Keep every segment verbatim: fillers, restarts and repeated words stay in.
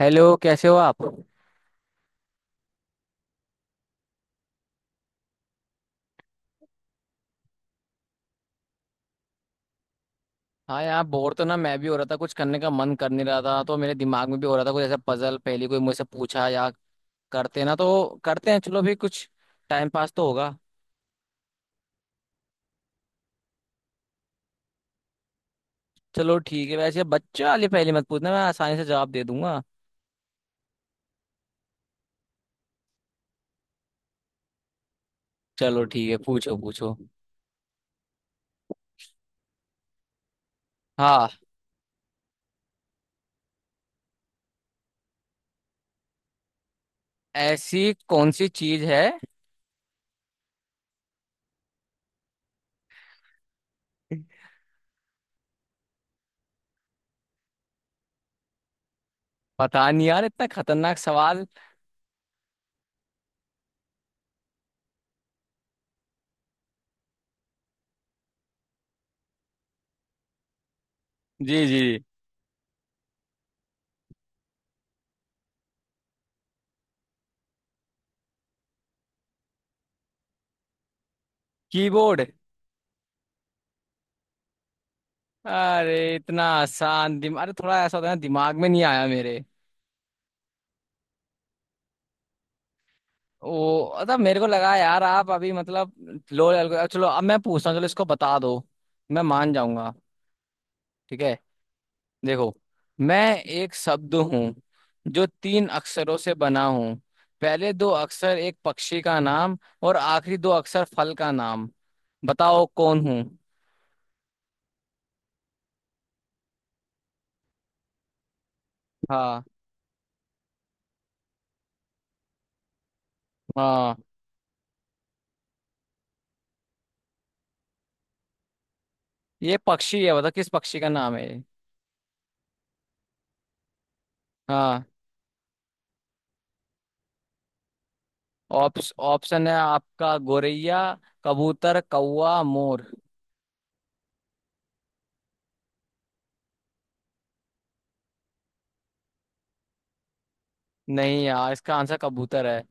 Hello, कैसे हो आप। हाँ यार, बोर तो ना मैं भी हो रहा था। कुछ करने का मन कर नहीं रहा था। तो मेरे दिमाग में भी हो रहा था कुछ ऐसा पजल पहले कोई मुझसे पूछा या करते ना तो करते हैं। चलो भी कुछ टाइम पास तो होगा। चलो ठीक है, वैसे बच्चा वाली पहले मत पूछना, मैं आसानी से जवाब दे दूंगा। चलो ठीक है, पूछो पूछो हाँ, ऐसी कौन सी चीज है। पता नहीं यार, इतना खतरनाक सवाल। जी जी। कीबोर्ड। अरे इतना आसान दिमाग, अरे थोड़ा ऐसा होता है ना, दिमाग में नहीं आया मेरे। ओ मतलब मेरे को लगा यार आप अभी मतलब लो लेवल। चलो अब मैं पूछता हूँ, चलो इसको बता दो, मैं मान जाऊंगा, ठीक है। देखो, मैं एक शब्द हूँ जो तीन अक्षरों से बना हूँ। पहले दो अक्षर एक पक्षी का नाम और आखिरी दो अक्षर फल का नाम। बताओ कौन हूँ। हाँ। हाँ, ये पक्षी है। बताओ किस पक्षी का नाम है ये? हाँ। ऑप्श, ऑप्शन है आपका: गोरैया, कबूतर, कौवा, मोर। नहीं यार, इसका आंसर कबूतर है।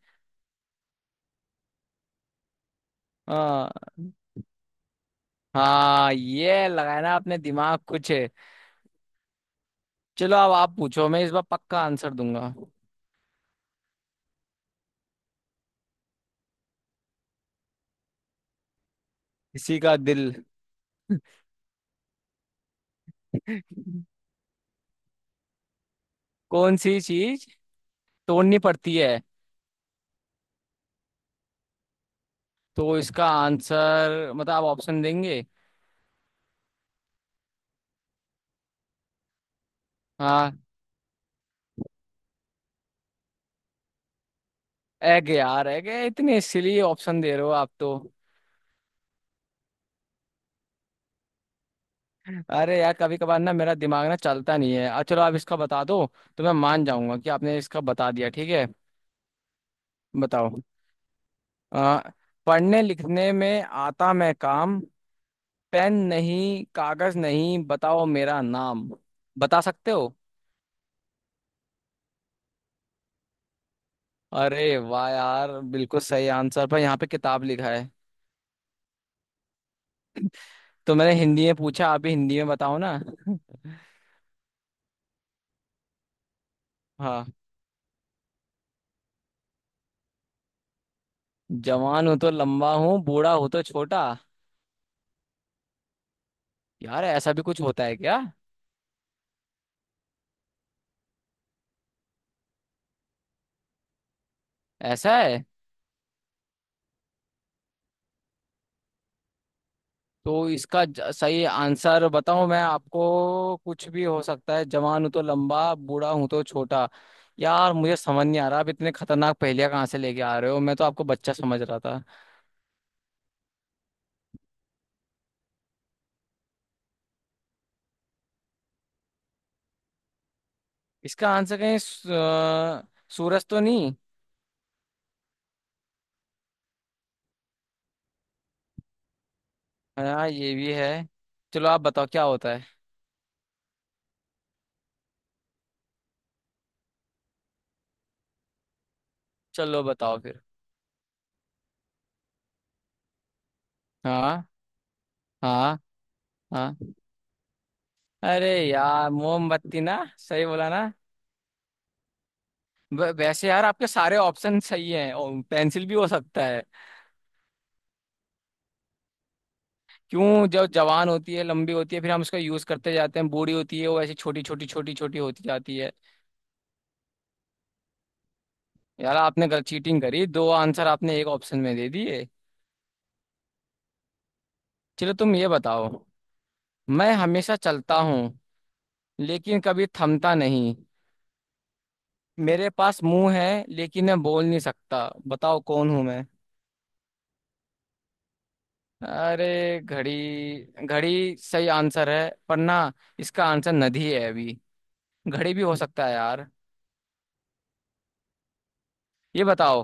हाँ, हाँ, ये लगाया ना आपने दिमाग, कुछ है। चलो अब आप पूछो, मैं इस बार पक्का आंसर दूंगा। किसी का दिल। कौन सी चीज तोड़नी पड़ती है? तो इसका आंसर मतलब आप ऑप्शन देंगे। हाँ। एग यार, एग इतने इसलिए ऑप्शन दे रहे हो आप तो। अरे यार, कभी कभार ना मेरा दिमाग ना चलता नहीं है। आ, चलो आप इसका बता दो तो मैं मान जाऊंगा कि आपने इसका बता दिया, ठीक है। बताओ। आ, पढ़ने लिखने में आता मैं काम, पेन नहीं, कागज नहीं, बताओ मेरा नाम। बता सकते हो। अरे वाह यार, बिल्कुल सही आंसर, पर यहाँ पे किताब लिखा है। तो मैंने हिंदी में पूछा, आप भी हिंदी में बताओ ना। हाँ। जवान हो तो लंबा हूँ, बूढ़ा हो तो छोटा। यार, ऐसा भी कुछ होता है क्या? ऐसा है? तो इसका ज- सही आंसर बताऊं मैं आपको। कुछ भी हो सकता है, जवान हूं तो लंबा बूढ़ा हूं तो छोटा। यार मुझे समझ नहीं आ रहा, आप इतने खतरनाक पहेलियां कहाँ से लेके आ रहे हो, मैं तो आपको बच्चा समझ रहा था। इसका आंसर कहीं सू- अ, सूरज तो नहीं। हाँ ये भी है। चलो आप बताओ क्या होता है। चलो बताओ फिर। हाँ। हाँ। हाँ। अरे यार, मोमबत्ती ना, सही बोला ना। व- वैसे यार आपके सारे ऑप्शन सही हैं, और पेंसिल भी हो सकता है। क्यों, जब जवान होती है लंबी होती है, फिर हम उसका यूज करते जाते हैं, बूढ़ी होती है वो ऐसी छोटी छोटी छोटी छोटी होती जाती है। यार आपने गलत चीटिंग करी, दो आंसर आपने एक ऑप्शन में दे दिए। चलो तुम ये बताओ। मैं हमेशा चलता हूँ लेकिन कभी थमता नहीं। मेरे पास मुंह है लेकिन मैं बोल नहीं सकता। बताओ कौन हूं मैं। अरे घड़ी। घड़ी सही आंसर है पर ना, इसका आंसर नदी है अभी। घड़ी भी हो सकता है यार। ये बताओ।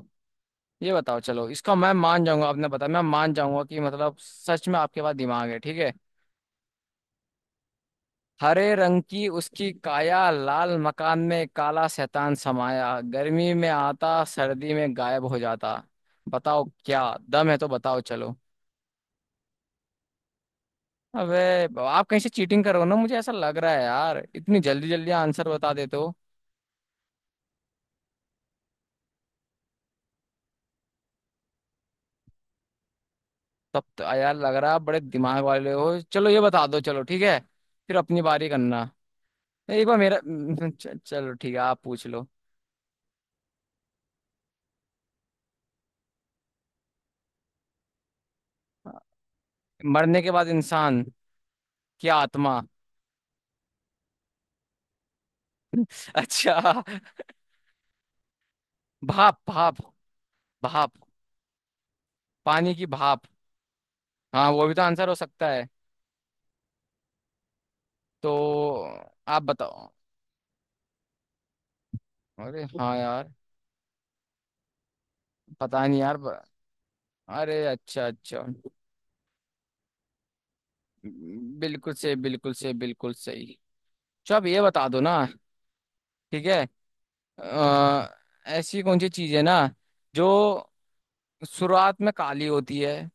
ये बताओ चलो, इसका मैं मान जाऊंगा, आपने बताया मैं मान जाऊंगा कि मतलब सच में आपके पास दिमाग है, ठीक है। हरे रंग की उसकी काया, लाल मकान में काला शैतान समाया, गर्मी में आता सर्दी में गायब हो जाता। बताओ, क्या दम है तो बताओ चलो। अबे, आप कहीं से चीटिंग करो ना, मुझे ऐसा लग रहा है यार, इतनी जल्दी जल्दी आंसर बता देते हो। तब तो यार लग रहा है आप बड़े दिमाग वाले हो। चलो ये बता दो चलो, ठीक है, फिर अपनी बारी करना। एक बार मेरा च- चलो ठीक है, आप पूछ लो। मरने के बाद इंसान, क्या आत्मा। अच्छा। भाप भाप भाप। पानी की भाप। हाँ, वो भी तो आंसर हो सकता है। तो आप बताओ। अरे हाँ यार। पता नहीं यार ब- अरे अच्छा अच्छा। बिल्कुल सही, बिल्कुल सही, बिल्कुल सही। अच्छा आप ये बता दो ना। ठीक है। अ, ऐसी कौन सी चीज है ना जो शुरुआत में काली होती है,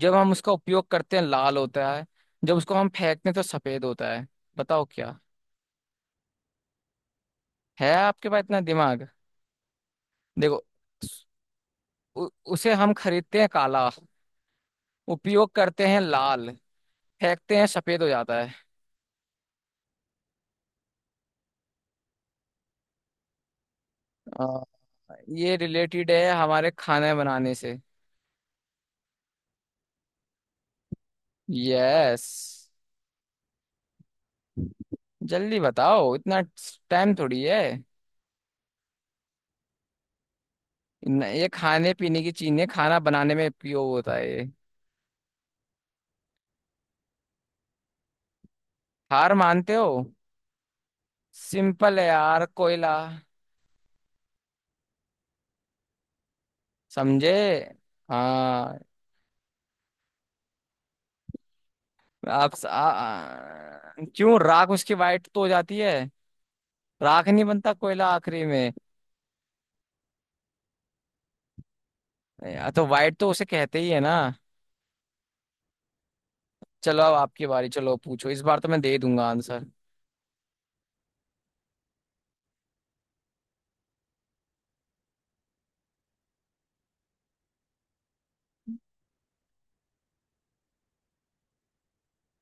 जब हम उसका उपयोग करते हैं लाल होता है, जब उसको हम फेंकते हैं तो सफेद होता है। बताओ क्या है, आपके पास इतना दिमाग। देखो, उ, उसे हम खरीदते हैं काला, उपयोग करते हैं लाल, फेंकते हैं सफेद हो जाता है। अ, ये रिलेटेड है हमारे खाने बनाने से। यस। जल्दी बताओ, इतना टाइम थोड़ी है। न- ये खाने पीने की चीज नहीं, खाना बनाने में उपयोग होता है ये। हार मानते हो? सिंपल है यार, कोयला। समझे। हाँ। आप स- आ, आ, क्यों, राख उसकी वाइट तो हो जाती है। राख नहीं बनता कोयला आखिरी में। या तो वाइट तो उसे कहते ही है ना। चलो अब आपकी बारी, चलो पूछो, इस बार तो मैं दे दूंगा आंसर।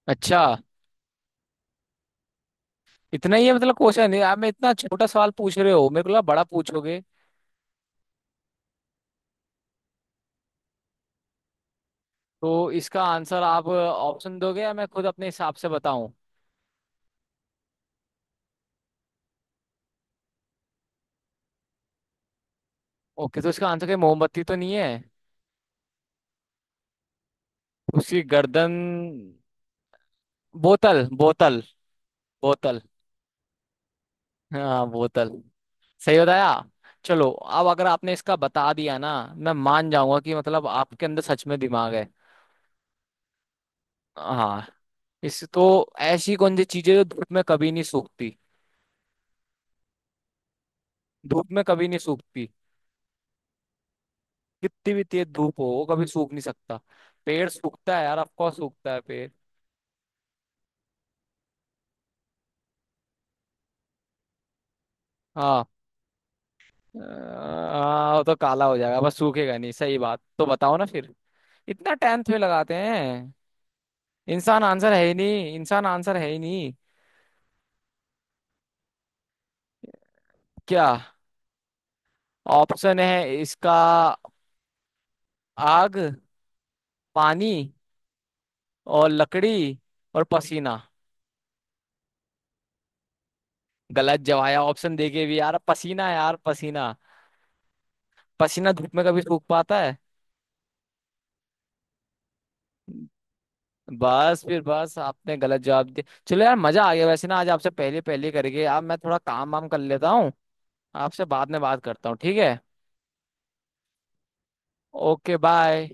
अच्छा, इतना ही है मतलब क्वेश्चन है आप, मैं इतना छोटा सवाल पूछ रहे हो, मेरे को लगा बड़ा पूछोगे। तो इसका आंसर आप ऑप्शन दोगे या मैं खुद अपने हिसाब से बताऊं? ओके, तो इसका आंसर क्या है? मोमबत्ती तो नहीं है। उसकी गर्दन। बोतल बोतल बोतल। हाँ बोतल। सही बताया। चलो अब अगर आपने इसका बता दिया ना, मैं मान जाऊंगा कि मतलब आपके अंदर सच में दिमाग है। हाँ। इस तो, ऐसी कौन सी चीजें जो धूप में कभी नहीं सूखती। धूप में कभी नहीं सूखती। कितनी भी तेज धूप हो, वो कभी सूख नहीं सकता। पेड़ सूखता है यार, ऑफकोर्स सूखता है पेड़। हाँ। आ, वो तो काला हो जाएगा बस सूखेगा नहीं, सही बात तो बताओ ना फिर। इतना टेंथ में लगाते हैं। इंसान आंसर है ही नहीं, इंसान आंसर है ही नहीं। क्या? ऑप्शन है इसका: आग, पानी और लकड़ी और पसीना। गलत जवाब है, ऑप्शन देके भी यार, पसीना यार, पसीना। पसीना धूप में कभी सूख पाता है। बस फिर बस आपने गलत जवाब दिया। चलो यार मजा आ गया वैसे ना, आज आपसे पहले पहले करके, अब मैं थोड़ा काम वाम कर लेता हूँ। आपसे बाद में बात करता हूँ, ठीक है। Okay bye.